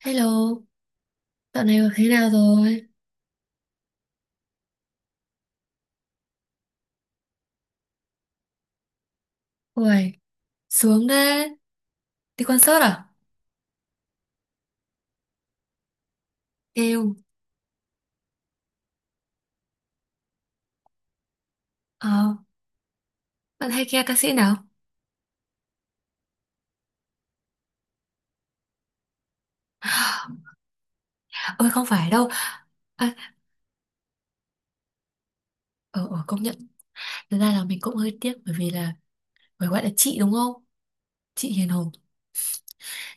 Hello, dạo này thế nào rồi? Uầy, sướng đấy. Đi concert à? Yêu. Ờ, bạn hay nghe ca sĩ nào? Ôi không phải đâu. À, ờ, ờ, công nhận. Thực ra là mình cũng hơi tiếc bởi vì là phải gọi là chị đúng không? Chị Hiền Hồng.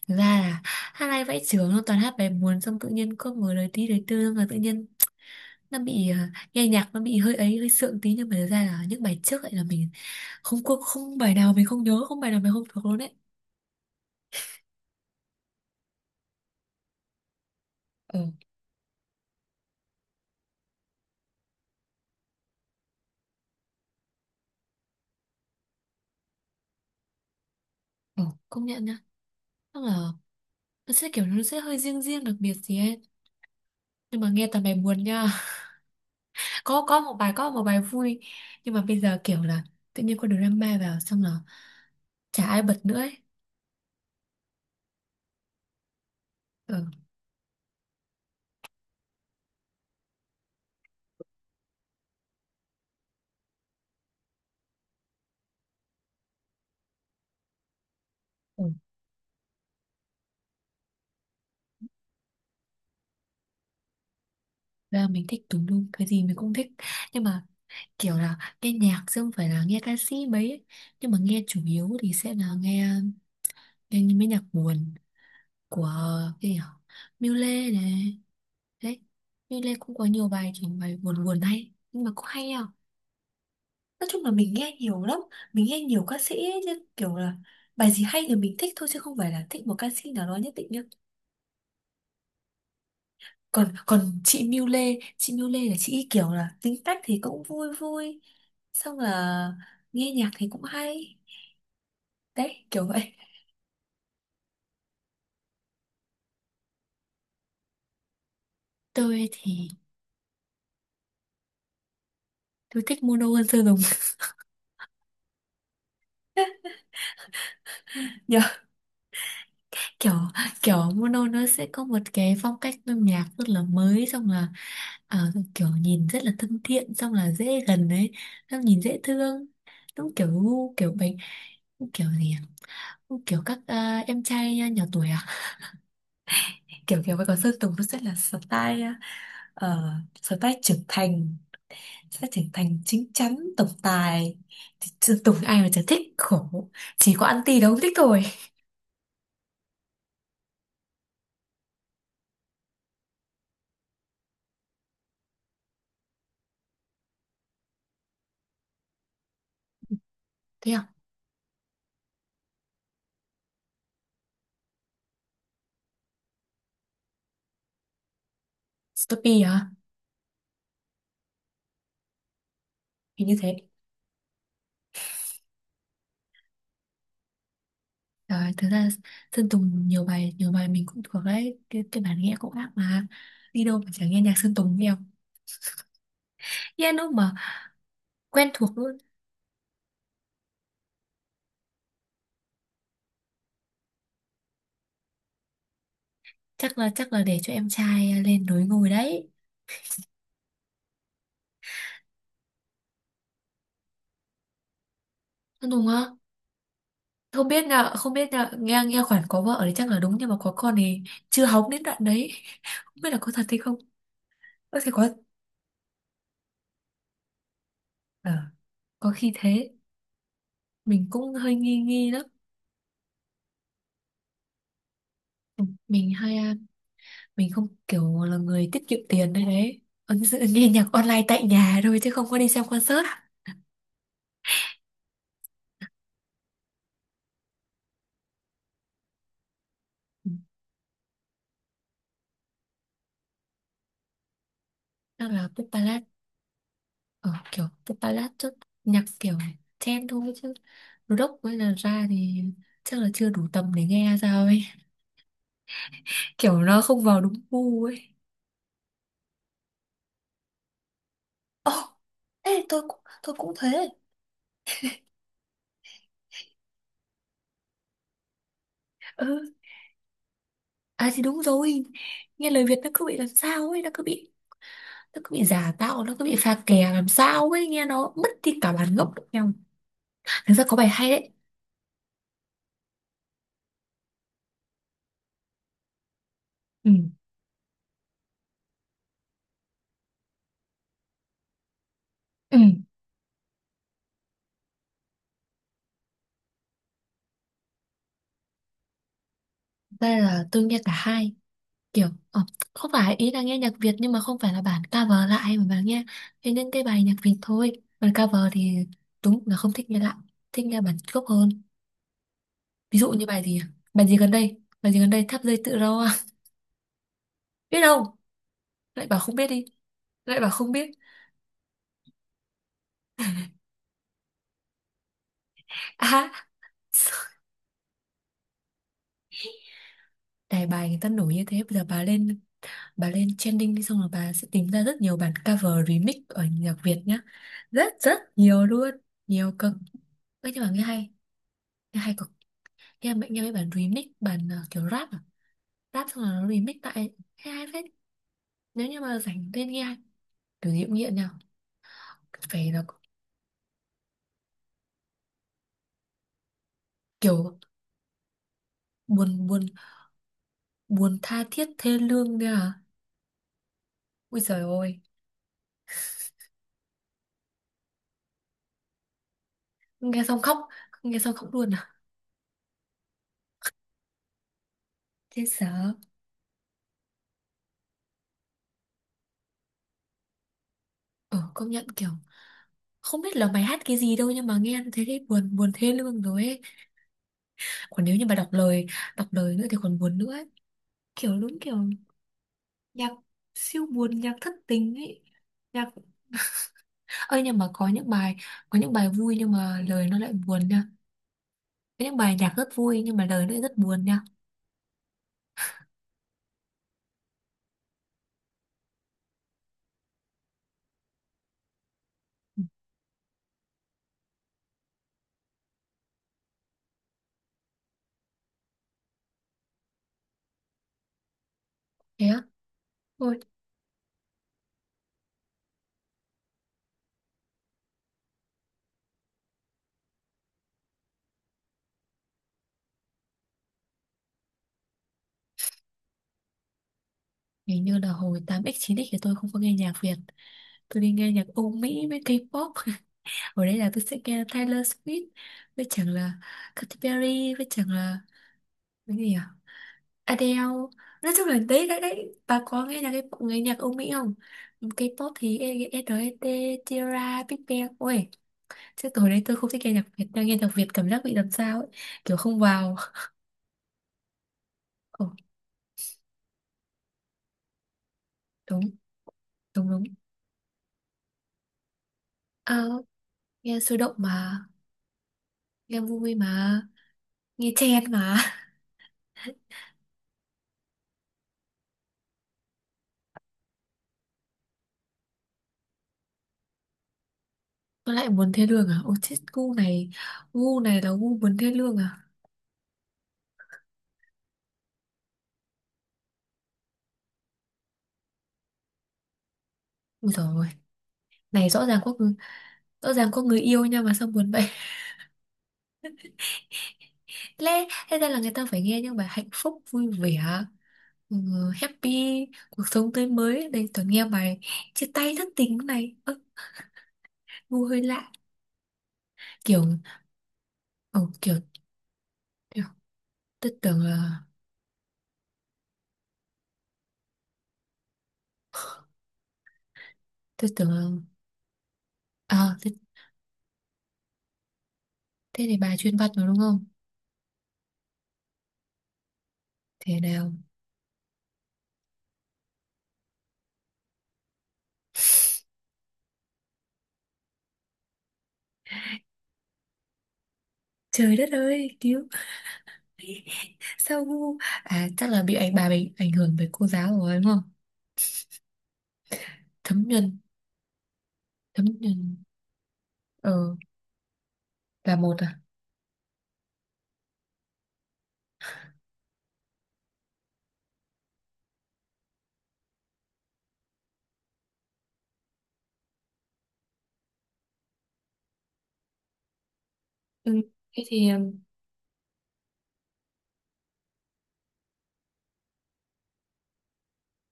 Thực ra là hát hay vãi chưởng luôn, toàn hát bài buồn xong tự nhiên cứ mở lời tí lời tư xong rồi tự nhiên nó bị nghe nhạc nó bị hơi ấy hơi sượng tí, nhưng mà thực ra là những bài trước lại là mình không có, không bài nào mình không nhớ, không bài nào mình không thuộc luôn đấy. Ờ, ờ, công nhận nhá. Tức là nó sẽ kiểu nó sẽ hơi riêng riêng đặc biệt gì ấy, nhưng mà nghe toàn bài buồn nha. Có một bài, có một bài vui, nhưng mà bây giờ kiểu là tự nhiên có drama vào xong là chả ai bật nữa ấy. Ừ. Ừ. Ra mình thích tùm lum, cái gì mình cũng thích, nhưng mà kiểu là nghe nhạc chứ không phải là nghe ca sĩ mấy ấy. Nhưng mà nghe chủ yếu thì sẽ là nghe nghe những mấy nhạc buồn của cái gì nhở? Miu Lê này, đấy, Miu Lê cũng có nhiều bài kiểu bài buồn buồn hay, nhưng mà cũng hay à. Nói chung là mình nghe nhiều lắm. Mình nghe nhiều ca sĩ ấy, nhưng kiểu là bài gì hay thì mình thích thôi chứ không phải là thích một ca sĩ nào đó nhất định nhá. Còn còn chị Miu Lê, chị Miu Lê là chị ý kiểu là tính cách thì cũng vui vui. Xong là nghe nhạc thì cũng hay. Đấy kiểu vậy. Tôi thì tôi thích Mono hơn Sơn Tùng. Kiểu, kiểu Mono nó sẽ có một cái phong cách âm nhạc rất là mới, xong là kiểu nhìn rất là thân thiện, xong là dễ gần đấy, xong nhìn dễ thương, đúng kiểu gu kiểu bánh kiểu gì à? Kiểu các em trai nhỏ tuổi à, kiểu kiểu vậy. Còn Sơn Tùng nó sẽ là style, style trưởng thành, sẽ trưởng thành chín chắn tổng tài, thì Sơn Tùng ai mà chả thích khổ, chỉ có anti đâu không thích thôi. Thế à? Stopee à? Hình như thế. Trời, thực ra Sơn Tùng nhiều bài, nhiều bài mình cũng thuộc đấy, cái bản nghe cũng ác mà. Đi đâu mà chẳng nghe nhạc Sơn Tùng, nhiều nghe lúc mà quen thuộc luôn. Chắc là, chắc là để cho em trai lên núi ngồi đấy. Sơn Tùng á, không biết là, không biết là nghe nghe khoản có vợ thì chắc là đúng, nhưng mà có con thì chưa hóng đến đoạn đấy. Không biết là có thật hay không. Có thể có. Ờ, có khi thế. Mình cũng hơi nghi nghi lắm. Ừ, mình hay mình không kiểu là người tiết kiệm tiền đấy đấy. Ấn dự nghe nhạc online tại nhà thôi chứ không có đi xem concert. Ừ, chắc là pop ballad. Ờ, kiểu pop ballad chút, nhạc kiểu chen thôi chứ rock với là ra thì chắc là chưa đủ tầm để nghe sao ấy, kiểu nó không vào đúng gu ấy. Ồ, ê tôi cũng thế. Ừ, à thì đúng rồi. Nghe lời Việt nó cứ bị làm sao ấy, nó cứ bị, nó cứ bị giả tạo, nó cứ bị pha kè làm sao ấy, nghe nó mất đi cả bản gốc lẫn nhau. Thực ra có bài hay đấy. Ừ. Ừ. Đây là tôi nghe cả hai. Kiểu, ờ, không phải ý là nghe nhạc Việt, nhưng mà không phải là bản cover lại mà bà nghe, nghe những cái bài nhạc Việt thôi. Bản cover thì đúng là không thích nghe lại. Thích nghe bản gốc hơn. Ví dụ như bài gì à? Bài gì gần đây? Bài gì gần đây? Tháp dây tự do. Biết đâu? Lại bảo không biết đi. Lại bảo không biết. À, đài bài người ta nổi như thế. Bây giờ bà lên, bà lên trending đi xong rồi bà sẽ tìm ra rất nhiều bản cover remix ở nhạc Việt nhá. Rất rất nhiều luôn. Nhiều cực. Ê, nhưng mà nghe hay, nghe hay cực. Nghe mẹ nghe mấy bản remix bản kiểu rap à, rap xong rồi nó remix tại nghe hay phết. Nếu như mà rảnh lên nghe kiểu gì cũng nghiện nào. Phải là kiểu buồn buồn, buồn tha thiết thê lương nha à. Ui giời ơi. Nghe xong khóc, nghe xong khóc luôn à. Thế sợ. Ờ công nhận, kiểu không biết là mày hát cái gì đâu, nhưng mà nghe thấy thấy buồn buồn thê lương rồi ấy. Còn nếu như mà đọc lời, đọc lời nữa thì còn buồn nữa ấy. Kiểu đúng kiểu nhạc siêu buồn, nhạc thất tình ấy, nhạc. Ơi nhưng mà có những bài, có những bài vui nhưng mà lời nó lại buồn nha. Có những bài nhạc rất vui nhưng mà lời nó lại rất buồn nha. Ừ, thế á? Ôi, hình như là hồi 8x 9x thì tôi không có nghe nhạc Việt. Tôi đi nghe nhạc Âu Mỹ với K-pop. Ở đây là tôi sẽ nghe Taylor Swift với chẳng là Katy Perry với chẳng là cái gì à? Adele. Nói chung là đấy đấy đấy. Bà có nghe nhạc K-pop, nghe nhạc Âu Mỹ không? K-pop thì e SNSD, Tierra, Big Bang. Ôi, chứ tối đấy tôi không thích nghe nhạc Việt, đang nghe nhạc Việt cảm giác bị làm sao ấy, kiểu không vào. Ồ, đúng đúng đúng. Ờ, nghe sôi động mà, nghe vui mà, nghe chen mà. Tôi lại muốn thê lương à, ôi chết gu này, gu này là gu muốn thê lương à. Ui rồi, này rõ ràng có người-, rõ ràng có người yêu nha mà sao buồn vậy. Lẽ thế ra là người ta phải nghe những bài hạnh phúc vui vẻ, ừ, happy, cuộc sống tươi mới đây toàn nghe bài chia tay thất tình này. Ơ, gu hơi lạ, kiểu, ừ, kiểu. Tôi tưởng là, tôi tưởng là, à thế, thế thì bà chuyên văn rồi đúng không? Thế nào? Trời đất ơi, cứu. Sao ngu? À chắc là bị ảnh bà bị ảnh hưởng bởi cô giáo rồi đúng không? Thấm nhuần, thấm nhuần. Ờ là một à? Ừ. Thế thì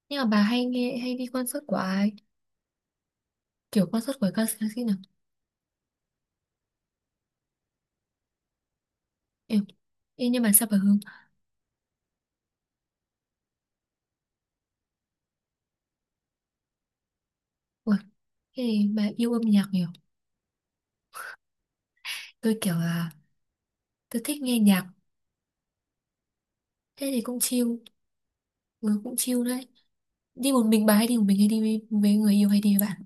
nhưng mà bà hay nghe hay đi concert của ai? Kiểu concert của ca sĩ ca nào? Em. Ê, nhưng mà sao bà Hương? Ủa, thế thì bà yêu âm nhạc nhiều. Tôi kiểu là tôi thích nghe nhạc, thế thì cũng chill, ừ, cũng chill đấy. Đi một mình, bà hay đi một mình hay đi với người yêu hay đi với bạn.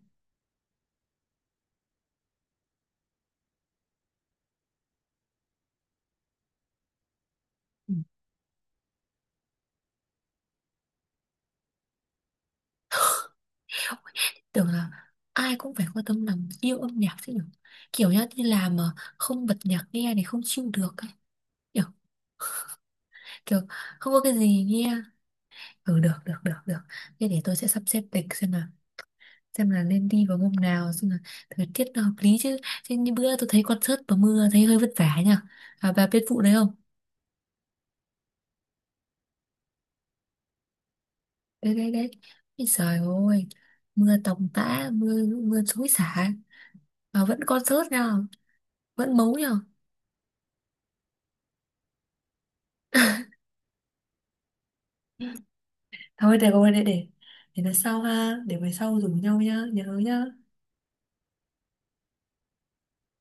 Ừ. Ôi, tưởng là ai cũng phải quan tâm làm yêu âm nhạc chứ nhỉ, kiểu nhá đi làm mà không bật nhạc nghe thì không chịu được ấy. Kiểu, kiểu không có cái gì nghe. Ừ, được được được được, thế để tôi sẽ sắp xếp lịch xem là, xem là nên đi vào hôm nào, xem là thời tiết nó hợp lý chứ, chứ như bữa tôi thấy concert và mưa thấy hơi vất vả nhỉ. À, bà biết vụ đấy không? Đấy đấy đấy. Ôi trời ơi, mưa tầm tã, mưa mưa xối xả mà vẫn concert nha, vẫn mấu nhở. Thôi được rồi, để lần sau ha, để về sau rủ nhau nhá, nhớ nhá.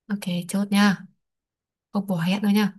Ok, chốt nha. Không bỏ hẹn đâu nha.